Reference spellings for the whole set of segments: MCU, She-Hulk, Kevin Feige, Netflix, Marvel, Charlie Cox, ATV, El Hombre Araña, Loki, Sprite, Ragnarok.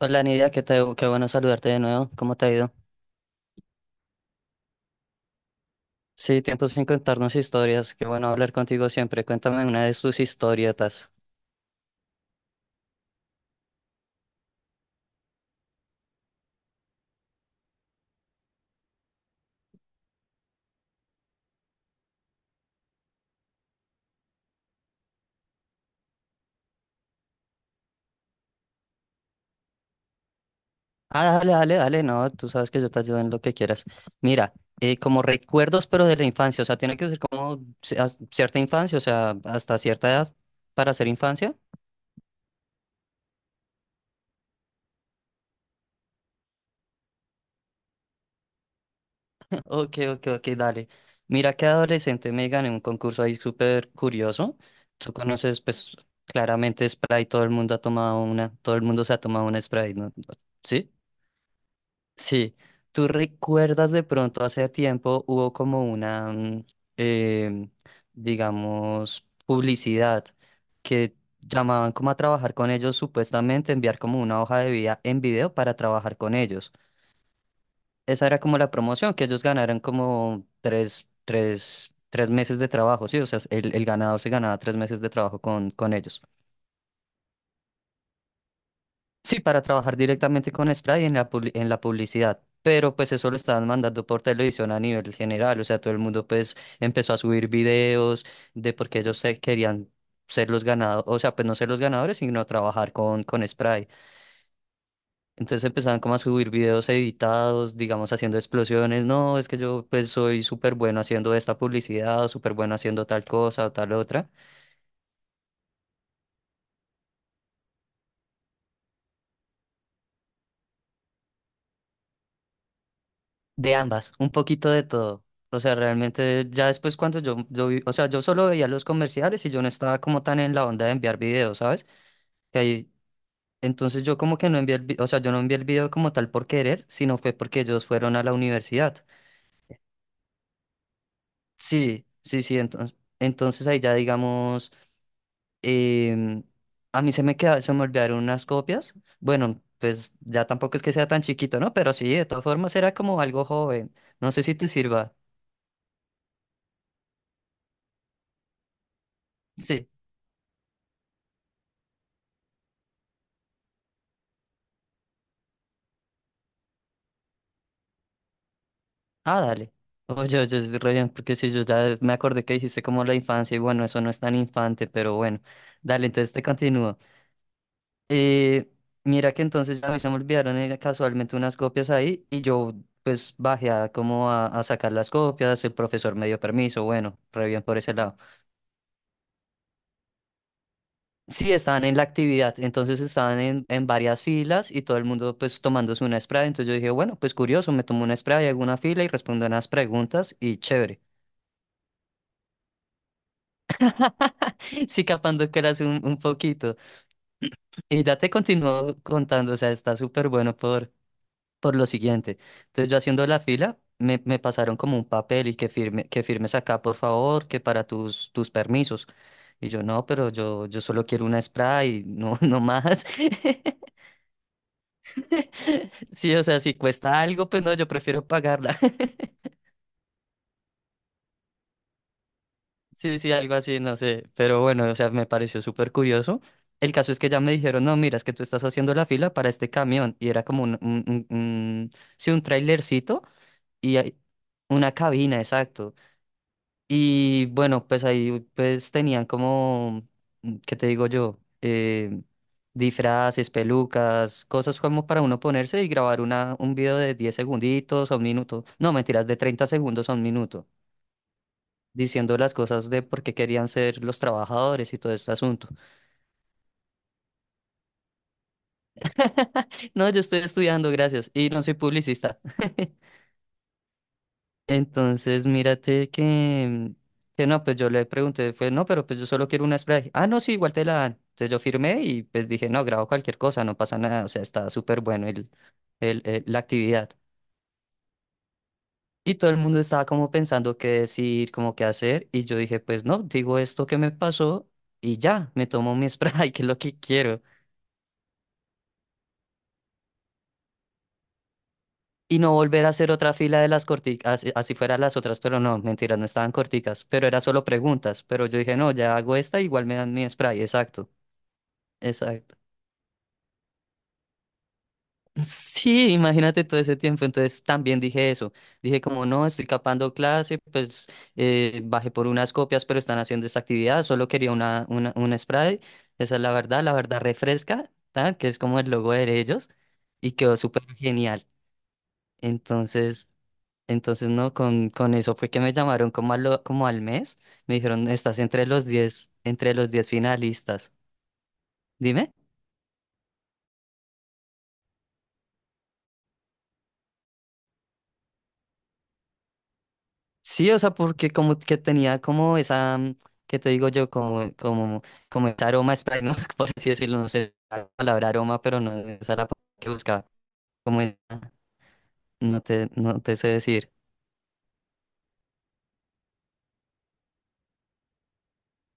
Hola Nidia, qué bueno saludarte de nuevo. ¿Cómo te ha ido? Sí, tiempo sin contarnos historias. Qué bueno hablar contigo siempre. Cuéntame una de tus historietas. Ah, dale, dale, dale. No, tú sabes que yo te ayudo en lo que quieras. Mira, como recuerdos, pero de la infancia. O sea, tiene que ser como cierta infancia, o sea, hasta cierta edad para ser infancia. Ok, ok, ok, dale. Mira que adolescente me gané un concurso ahí súper curioso. Tú conoces, pues, claramente Sprite, todo el mundo ha tomado una, todo el mundo se ha tomado una Sprite, ¿no? ¿Sí? Sí. ¿Tú recuerdas de pronto hace tiempo hubo como una, em, digamos, publicidad que llamaban como a trabajar con ellos, supuestamente enviar como una hoja de vida en video para trabajar con ellos? Esa era como la promoción, que ellos ganaran como tres meses de trabajo, ¿sí? O sea, el ganador se ganaba 3 meses de trabajo con ellos. Sí, para trabajar directamente con Spray en la, en la publicidad. Pero pues eso lo estaban mandando por televisión a nivel general, o sea, todo el mundo pues empezó a subir videos de por qué ellos se querían ser los ganadores, o sea, pues no ser los ganadores, sino trabajar con Spray. Entonces empezaban como a subir videos editados, digamos, haciendo explosiones. No, es que yo pues soy súper bueno haciendo esta publicidad o súper bueno haciendo tal cosa o tal otra. De ambas, un poquito de todo. O sea, realmente ya después cuando o sea, yo solo veía los comerciales y yo no estaba como tan en la onda de enviar videos, ¿sabes? Que ahí, entonces yo como que no envié o sea, yo no envié el video como tal por querer, sino fue porque ellos fueron a la universidad. Sí, sí, sí, entonces ahí ya digamos. Em, a mí se me olvidaron unas copias. Bueno, pues ya tampoco es que sea tan chiquito, ¿no? Pero sí, de todas formas era como algo joven. No sé si te sirva. Sí. Ah, dale. Oye, oye, es re bien, porque si yo ya me acordé que dijiste como la infancia y bueno, eso no es tan infante, pero bueno. Dale, entonces te continúo. Eh, mira que entonces a mí se me olvidaron casualmente unas copias ahí y yo pues bajé a como a sacar las copias, el profesor me dio permiso, bueno, re bien por ese lado. Sí, estaban en la actividad, entonces estaban en varias filas y todo el mundo pues tomándose una spray, entonces yo dije, bueno, pues curioso, me tomo una spray, hago una fila y respondo unas preguntas y chévere. Sí, capando que eras un poquito. Y ya te continúo contando, o sea, está súper bueno por lo siguiente. Entonces yo haciendo la fila, me pasaron como un papel y que firmes acá, por favor, que para tus permisos. Y yo, no, pero yo solo quiero una spray, no, no más. Sí, o sea, si cuesta algo, pues no, yo prefiero pagarla. Sí, sí, algo así, no sé. Pero bueno, o sea, me pareció súper curioso. El caso es que ya me dijeron, no, mira, es que tú estás haciendo la fila para este camión. Y era como sí, un trailercito y una cabina, exacto. Y bueno, pues ahí pues tenían como, ¿qué te digo yo? Disfraces, pelucas, cosas como para uno ponerse y grabar un video de 10 segunditos a un minuto. No, mentiras, de 30 segundos a un minuto, diciendo las cosas de por qué querían ser los trabajadores y todo este asunto. No, yo estoy estudiando, gracias. Y no soy publicista. Entonces, mírate que no, pues yo le pregunté, fue, no, pero pues yo solo quiero una spray. Ah, no, sí, igual te la dan. Entonces yo firmé y pues dije, no, grabo cualquier cosa, no pasa nada, o sea, está súper bueno la actividad. Y todo el mundo estaba como pensando qué decir, como qué hacer, y yo dije, pues no, digo esto que me pasó y ya, me tomo mi spray, que es lo que quiero. Y no volver a hacer otra fila de las corticas, así, así fueran las otras, pero no, mentira, no estaban corticas, pero era solo preguntas, pero yo dije, no, ya hago esta, igual me dan mi spray, exacto, exacto. Sí, imagínate todo ese tiempo, entonces también dije eso, dije como no, estoy capando clase, pues bajé por unas copias, pero están haciendo esta actividad, solo quería un spray, esa es la verdad refresca, tal, que es como el logo de ellos, y quedó súper genial, entonces. Entonces, no, con eso fue que me llamaron como, como al mes. Me dijeron, estás entre los 10 finalistas. Dime. Sí, o sea, porque como que tenía como esa, ¿qué te digo yo? Como ese aroma spray, ¿no? Por así decirlo, no sé la palabra aroma, pero no es esa la palabra que buscaba. Como esa- no te sé decir.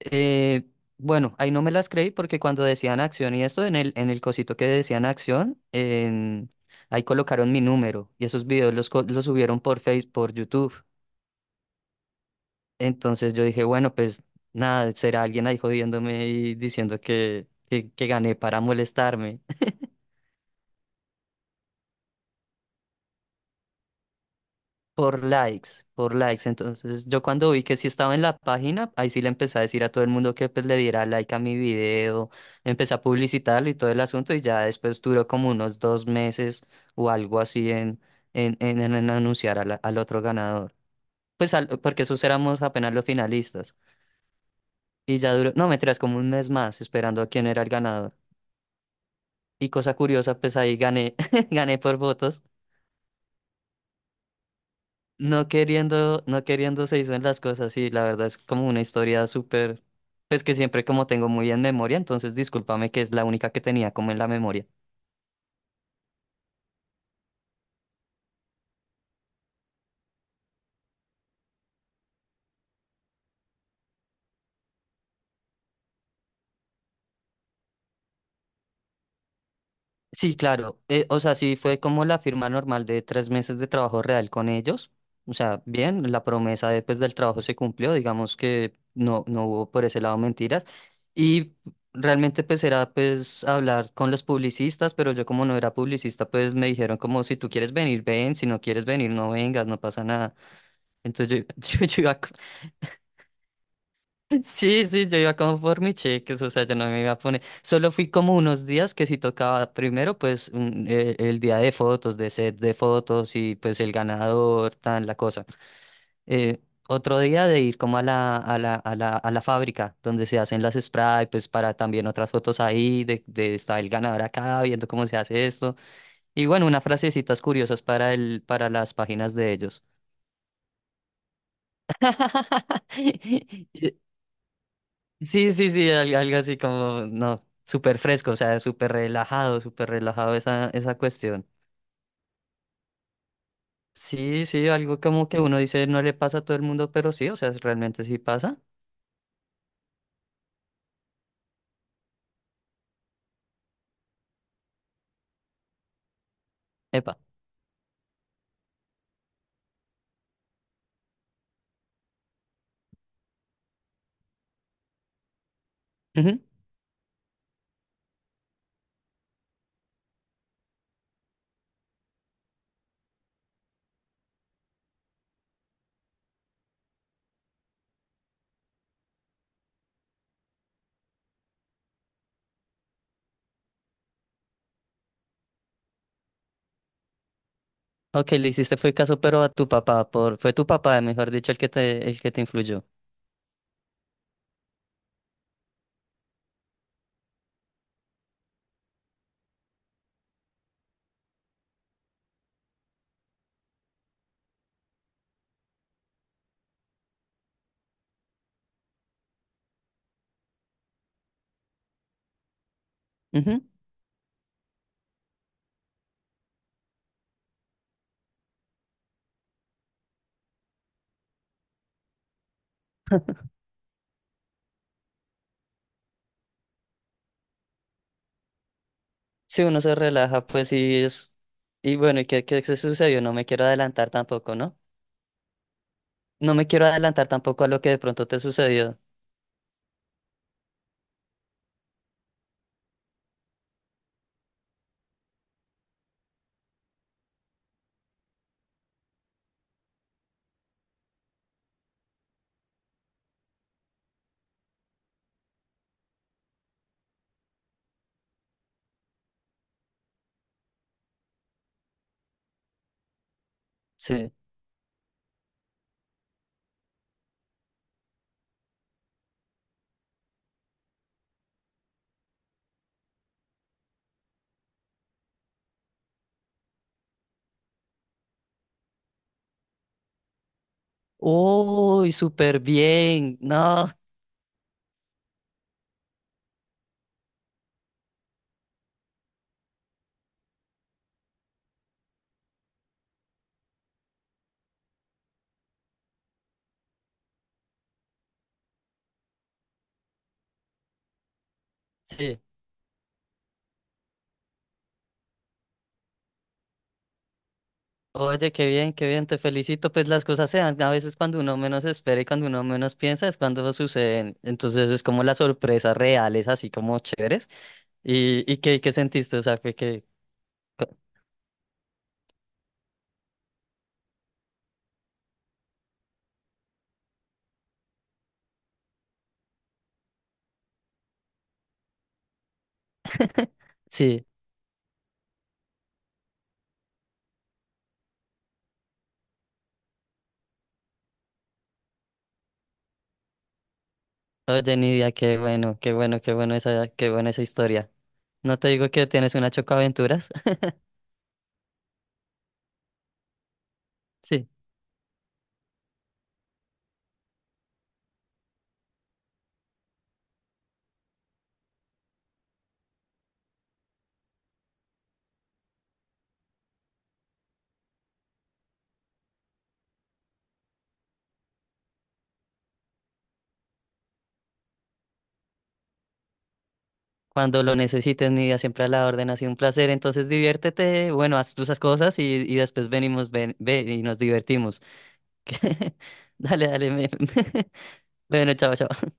Eh, bueno, ahí no me las creí porque cuando decían acción y esto, en el cosito que decían acción, ahí colocaron mi número y esos videos los subieron por Facebook, por YouTube. Entonces yo dije, bueno, pues nada, será alguien ahí jodiéndome y diciendo que gané para molestarme. Por likes, por likes. Entonces, yo cuando vi que sí estaba en la página, ahí sí le empecé a decir a todo el mundo que pues, le diera like a mi video, empecé a publicitarlo y todo el asunto, y ya después duró como unos 2 meses o algo así en anunciar al otro ganador. Pues porque esos éramos apenas los finalistas. Y ya duró, no, mentiras, como un mes más esperando a quién era el ganador. Y cosa curiosa, pues ahí gané, gané por votos. No queriendo, no queriendo se hizo en las cosas, sí, la verdad es como una historia súper, pues que siempre como tengo muy en memoria, entonces discúlpame que es la única que tenía como en la memoria. Sí, claro, o sea, sí fue como la firma normal de 3 meses de trabajo real con ellos, o sea, bien, la promesa de, pues, del trabajo se cumplió, digamos que no, no hubo por ese lado mentiras, y realmente pues era pues hablar con los publicistas, pero yo como no era publicista, pues me dijeron como si tú quieres venir, ven, si no quieres venir, no vengas, no pasa nada. Entonces yo, yo iba, co- sí, sí, yo iba como por mi cheques, o sea, yo no me iba a poner, solo fui como unos días que si tocaba primero, pues el día de fotos, de set de fotos y pues el ganador, tan la cosa. Eh, otro día de ir como a la fábrica donde se hacen las spray, pues para también otras fotos ahí, de está el ganador acá, viendo cómo se hace esto. Y bueno, unas frasecitas curiosas para las páginas de ellos. Sí, sí, sí, algo así como, no, súper fresco, o sea, súper relajado esa cuestión. Sí, sí, algo como que uno dice no le pasa a todo el mundo, pero sí, o sea, realmente sí pasa. Epa. Ujú. Ok, le hiciste fue caso, pero a tu papá, fue tu papá, mejor dicho, el que te influyó. Ujú. Si uno se relaja, pues sí es. Y bueno, ¿y qué se sucedió? No me quiero adelantar tampoco, ¿no? No me quiero adelantar tampoco a lo que de pronto te sucedió. Sí. Uy, súper bien. No. Sí. Oye, qué bien, te felicito. Pues las cosas se dan a veces cuando uno menos espera y cuando uno menos piensa es cuando suceden. Entonces es como las sorpresas reales, así como chéveres. ¿Y qué sentiste? O sea, fue que. co- Sí, oye, Nidia, qué bueno, qué bueno, qué buena esa historia. No te digo que tienes una chocaventuras. Sí, cuando lo necesites, Nidia, siempre a la orden, ha sido un placer. Entonces diviértete, bueno, haz tus cosas y después venimos, ven, ve y nos divertimos. Dale, dale. Bueno, chao, chao.